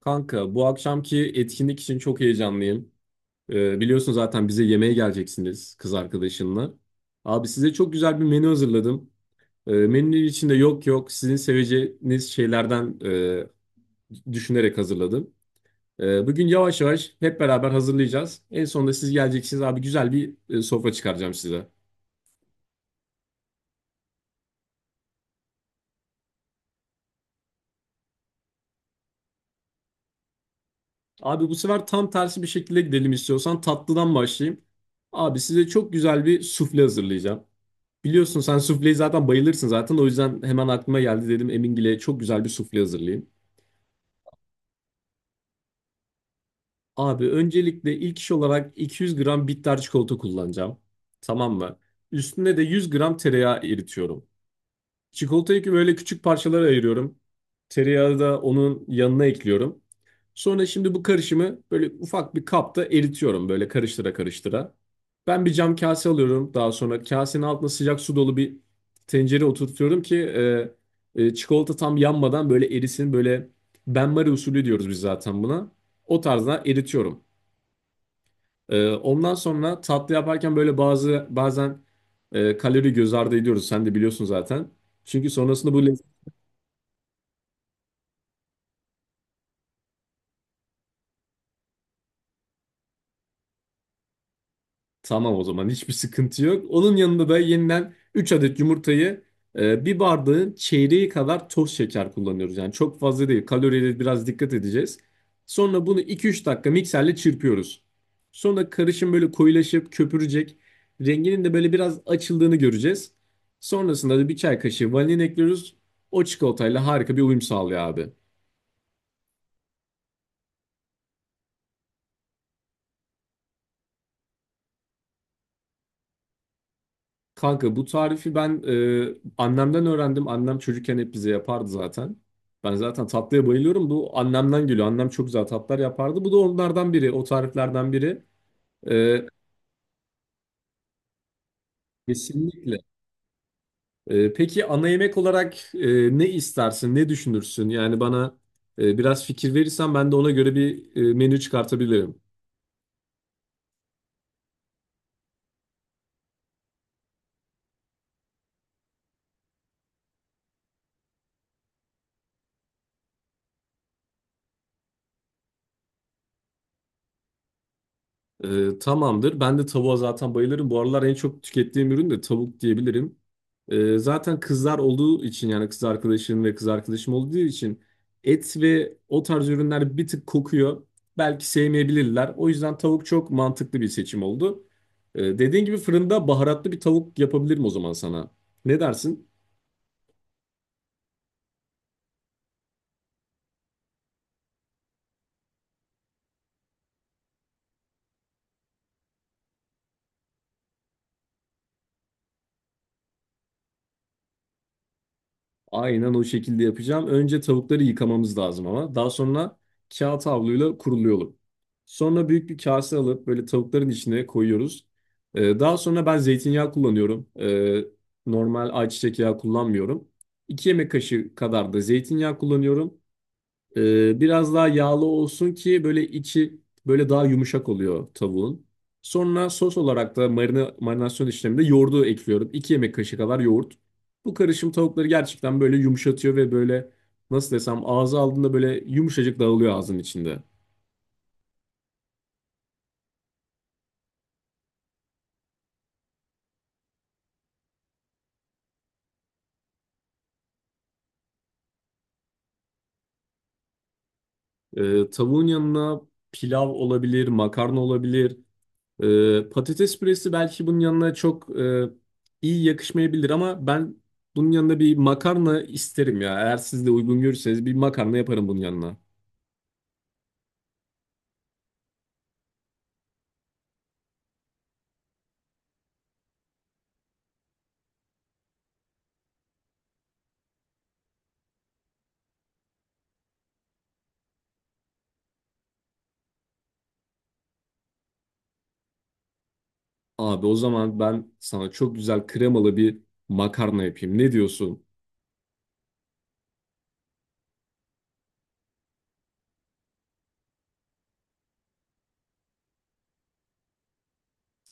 Kanka bu akşamki etkinlik için çok heyecanlıyım. Biliyorsun zaten bize yemeğe geleceksiniz kız arkadaşınla. Abi size çok güzel bir menü hazırladım. Menünün içinde yok yok sizin seveceğiniz şeylerden düşünerek hazırladım. Bugün yavaş yavaş hep beraber hazırlayacağız. En sonunda siz geleceksiniz abi, güzel bir sofra çıkaracağım size. Abi bu sefer tam tersi bir şekilde gidelim istiyorsan tatlıdan başlayayım. Abi size çok güzel bir sufle hazırlayacağım. Biliyorsun sen sufleyi zaten bayılırsın zaten. O yüzden hemen aklıma geldi, dedim Emingil'e çok güzel bir sufle hazırlayayım. Abi öncelikle ilk iş olarak 200 gram bitter çikolata kullanacağım. Tamam mı? Üstüne de 100 gram tereyağı eritiyorum. Çikolatayı böyle küçük parçalara ayırıyorum. Tereyağı da onun yanına ekliyorum. Sonra şimdi bu karışımı böyle ufak bir kapta eritiyorum böyle karıştıra karıştıra. Ben bir cam kase alıyorum. Daha sonra kasenin altına sıcak su dolu bir tencere oturtuyorum ki çikolata tam yanmadan böyle erisin. Böyle benmari usulü diyoruz biz zaten buna. O tarzda eritiyorum. Ondan sonra tatlı yaparken böyle bazen kalori göz ardı ediyoruz. Sen de biliyorsun zaten. Çünkü sonrasında bu tamam, o zaman hiçbir sıkıntı yok. Onun yanında da yeniden 3 adet yumurtayı, bir bardağın çeyreği kadar toz şeker kullanıyoruz. Yani çok fazla değil. Kaloriyle biraz dikkat edeceğiz. Sonra bunu iki üç dakika mikserle çırpıyoruz. Sonra karışım böyle koyulaşıp köpürecek. Renginin de böyle biraz açıldığını göreceğiz. Sonrasında da bir çay kaşığı vanilin ekliyoruz. O çikolatayla harika bir uyum sağlıyor abi. Kanka bu tarifi ben annemden öğrendim. Annem çocukken hep bize yapardı zaten. Ben zaten tatlıya bayılıyorum. Bu annemden geliyor. Annem çok güzel tatlar yapardı. Bu da onlardan biri. O tariflerden biri. E, Kesinlikle. Peki ana yemek olarak ne istersin? Ne düşünürsün? Yani bana biraz fikir verirsen ben de ona göre bir menü çıkartabilirim. Tamamdır. Ben de tavuğa zaten bayılırım. Bu aralar en çok tükettiğim ürün de tavuk diyebilirim. Zaten kızlar olduğu için, yani kız arkadaşım ve kız arkadaşım olduğu için et ve o tarz ürünler bir tık kokuyor. Belki sevmeyebilirler. O yüzden tavuk çok mantıklı bir seçim oldu. Dediğin gibi fırında baharatlı bir tavuk yapabilirim o zaman sana. Ne dersin? Aynen o şekilde yapacağım. Önce tavukları yıkamamız lazım ama. Daha sonra kağıt havluyla kuruluyorum. Sonra büyük bir kase alıp böyle tavukların içine koyuyoruz. Daha sonra ben zeytinyağı kullanıyorum. Normal ayçiçek yağı kullanmıyorum. 2 yemek kaşığı kadar da zeytinyağı kullanıyorum. Biraz daha yağlı olsun ki böyle içi böyle daha yumuşak oluyor tavuğun. Sonra sos olarak da marina, marinasyon işleminde yoğurdu ekliyorum. İki yemek kaşığı kadar yoğurt. Bu karışım tavukları gerçekten böyle yumuşatıyor ve böyle nasıl desem ağza aldığında böyle yumuşacık dağılıyor ağzın içinde. Tavuğun yanına pilav olabilir, makarna olabilir. Patates püresi belki bunun yanına çok iyi yakışmayabilir ama ben bunun yanına bir makarna isterim ya. Eğer siz de uygun görürseniz bir makarna yaparım bunun yanına. Abi o zaman ben sana çok güzel kremalı bir makarna yapayım. Ne diyorsun?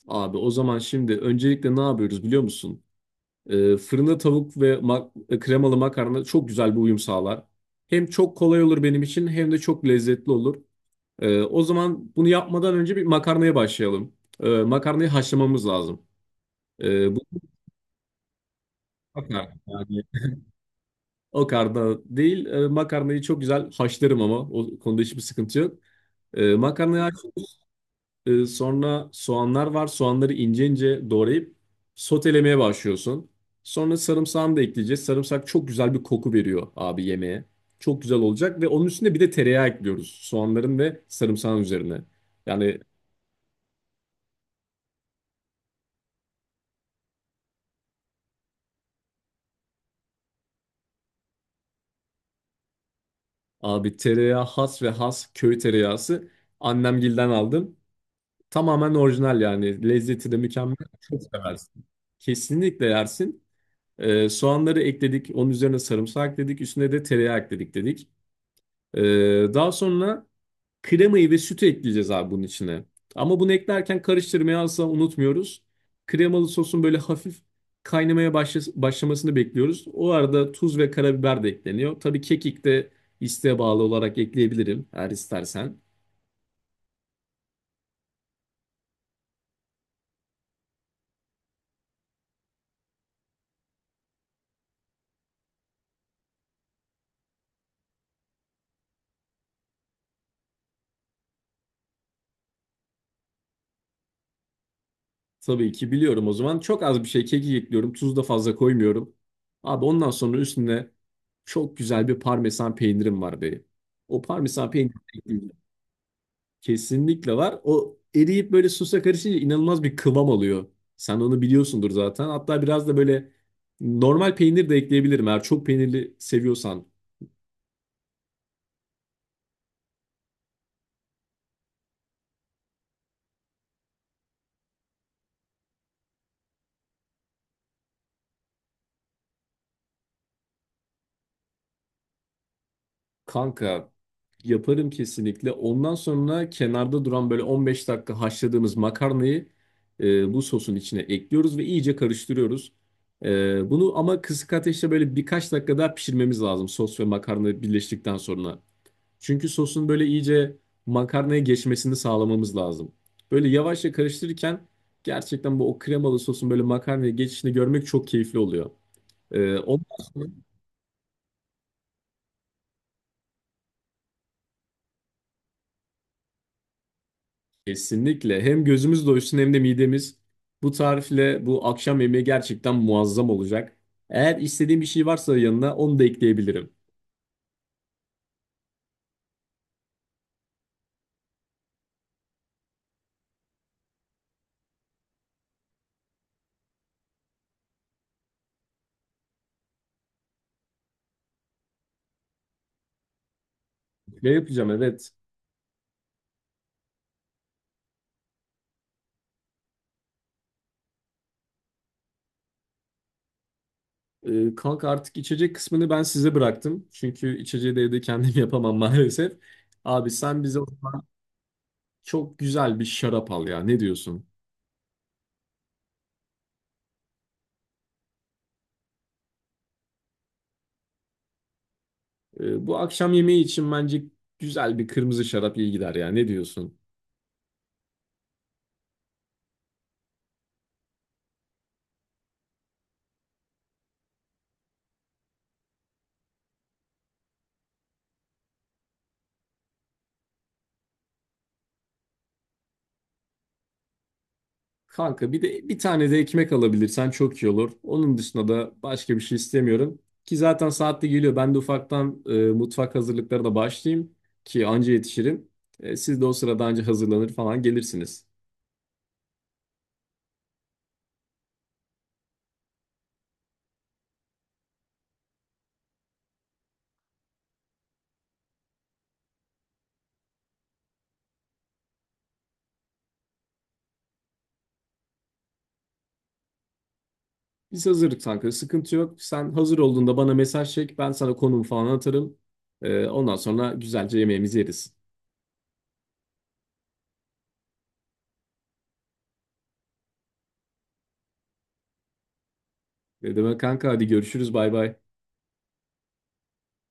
Abi o zaman şimdi öncelikle ne yapıyoruz biliyor musun? Fırında tavuk ve kremalı makarna çok güzel bir uyum sağlar. Hem çok kolay olur benim için hem de çok lezzetli olur. O zaman bunu yapmadan önce bir makarnaya başlayalım. Makarnayı haşlamamız lazım. Bu makarna, yani o karna değil. Makarnayı çok güzel haşlarım ama o konuda hiçbir sıkıntı yok. Makarnayı haşlıyoruz. Sonra soğanlar var. Soğanları ince ince doğrayıp sotelemeye başlıyorsun. Sonra sarımsağını da ekleyeceğiz. Sarımsak çok güzel bir koku veriyor abi yemeğe. Çok güzel olacak ve onun üstüne bir de tereyağı ekliyoruz. Soğanların ve sarımsağın üzerine. Yani abi tereyağı has ve has köy tereyağısı. Annemgilden aldım. Tamamen orijinal yani. Lezzeti de mükemmel. Çok seversin. Kesinlikle yersin. Soğanları ekledik. Onun üzerine sarımsak ekledik. Üstüne de tereyağı ekledik dedik. Daha sonra kremayı ve sütü ekleyeceğiz abi bunun içine. Ama bunu eklerken karıştırmayı asla unutmuyoruz. Kremalı sosun böyle hafif kaynamaya başlamasını bekliyoruz. O arada tuz ve karabiber de ekleniyor. Tabii kekik de isteğe bağlı olarak ekleyebilirim eğer istersen. Tabii ki biliyorum o zaman. Çok az bir şey kekik ekliyorum. Tuz da fazla koymuyorum. Abi ondan sonra üstüne çok güzel bir parmesan peynirim var benim. O parmesan peyniri de ekleyeceğim. Kesinlikle var. O eriyip böyle sosa karışınca inanılmaz bir kıvam alıyor. Sen onu biliyorsundur zaten. Hatta biraz da böyle normal peynir de ekleyebilirim eğer çok peynirli seviyorsan. Kanka yaparım kesinlikle. Ondan sonra kenarda duran böyle 15 dakika haşladığımız makarnayı bu sosun içine ekliyoruz ve iyice karıştırıyoruz. Bunu ama kısık ateşte böyle birkaç dakika daha pişirmemiz lazım sos ve makarna birleştikten sonra. Çünkü sosun böyle iyice makarnaya geçmesini sağlamamız lazım. Böyle yavaşça karıştırırken gerçekten bu o kremalı sosun böyle makarnaya geçişini görmek çok keyifli oluyor. Ondan sonra kesinlikle. Hem gözümüz doysun hem de midemiz. Bu tarifle bu akşam yemeği gerçekten muazzam olacak. Eğer istediğim bir şey varsa yanına onu da ekleyebilirim. Ne yapacağım? Evet. Kanka artık içecek kısmını ben size bıraktım. Çünkü içeceği de evde kendim yapamam maalesef. Abi sen bize çok güzel bir şarap al ya. Ne diyorsun? Bu akşam yemeği için bence güzel bir kırmızı şarap iyi gider ya. Ne diyorsun? Kanka bir de bir tane de ekmek alabilirsen çok iyi olur. Onun dışında da başka bir şey istemiyorum. Ki zaten saatli geliyor. Ben de ufaktan mutfak hazırlıklarına başlayayım ki anca yetişirim. Siz de o sırada anca hazırlanır falan gelirsiniz. Biz hazırlık kanka, sıkıntı yok. Sen hazır olduğunda bana mesaj çek. Ben sana konumu falan atarım. Ondan sonra güzelce yemeğimizi yeriz. Ne demek kanka, hadi görüşürüz, bay bay.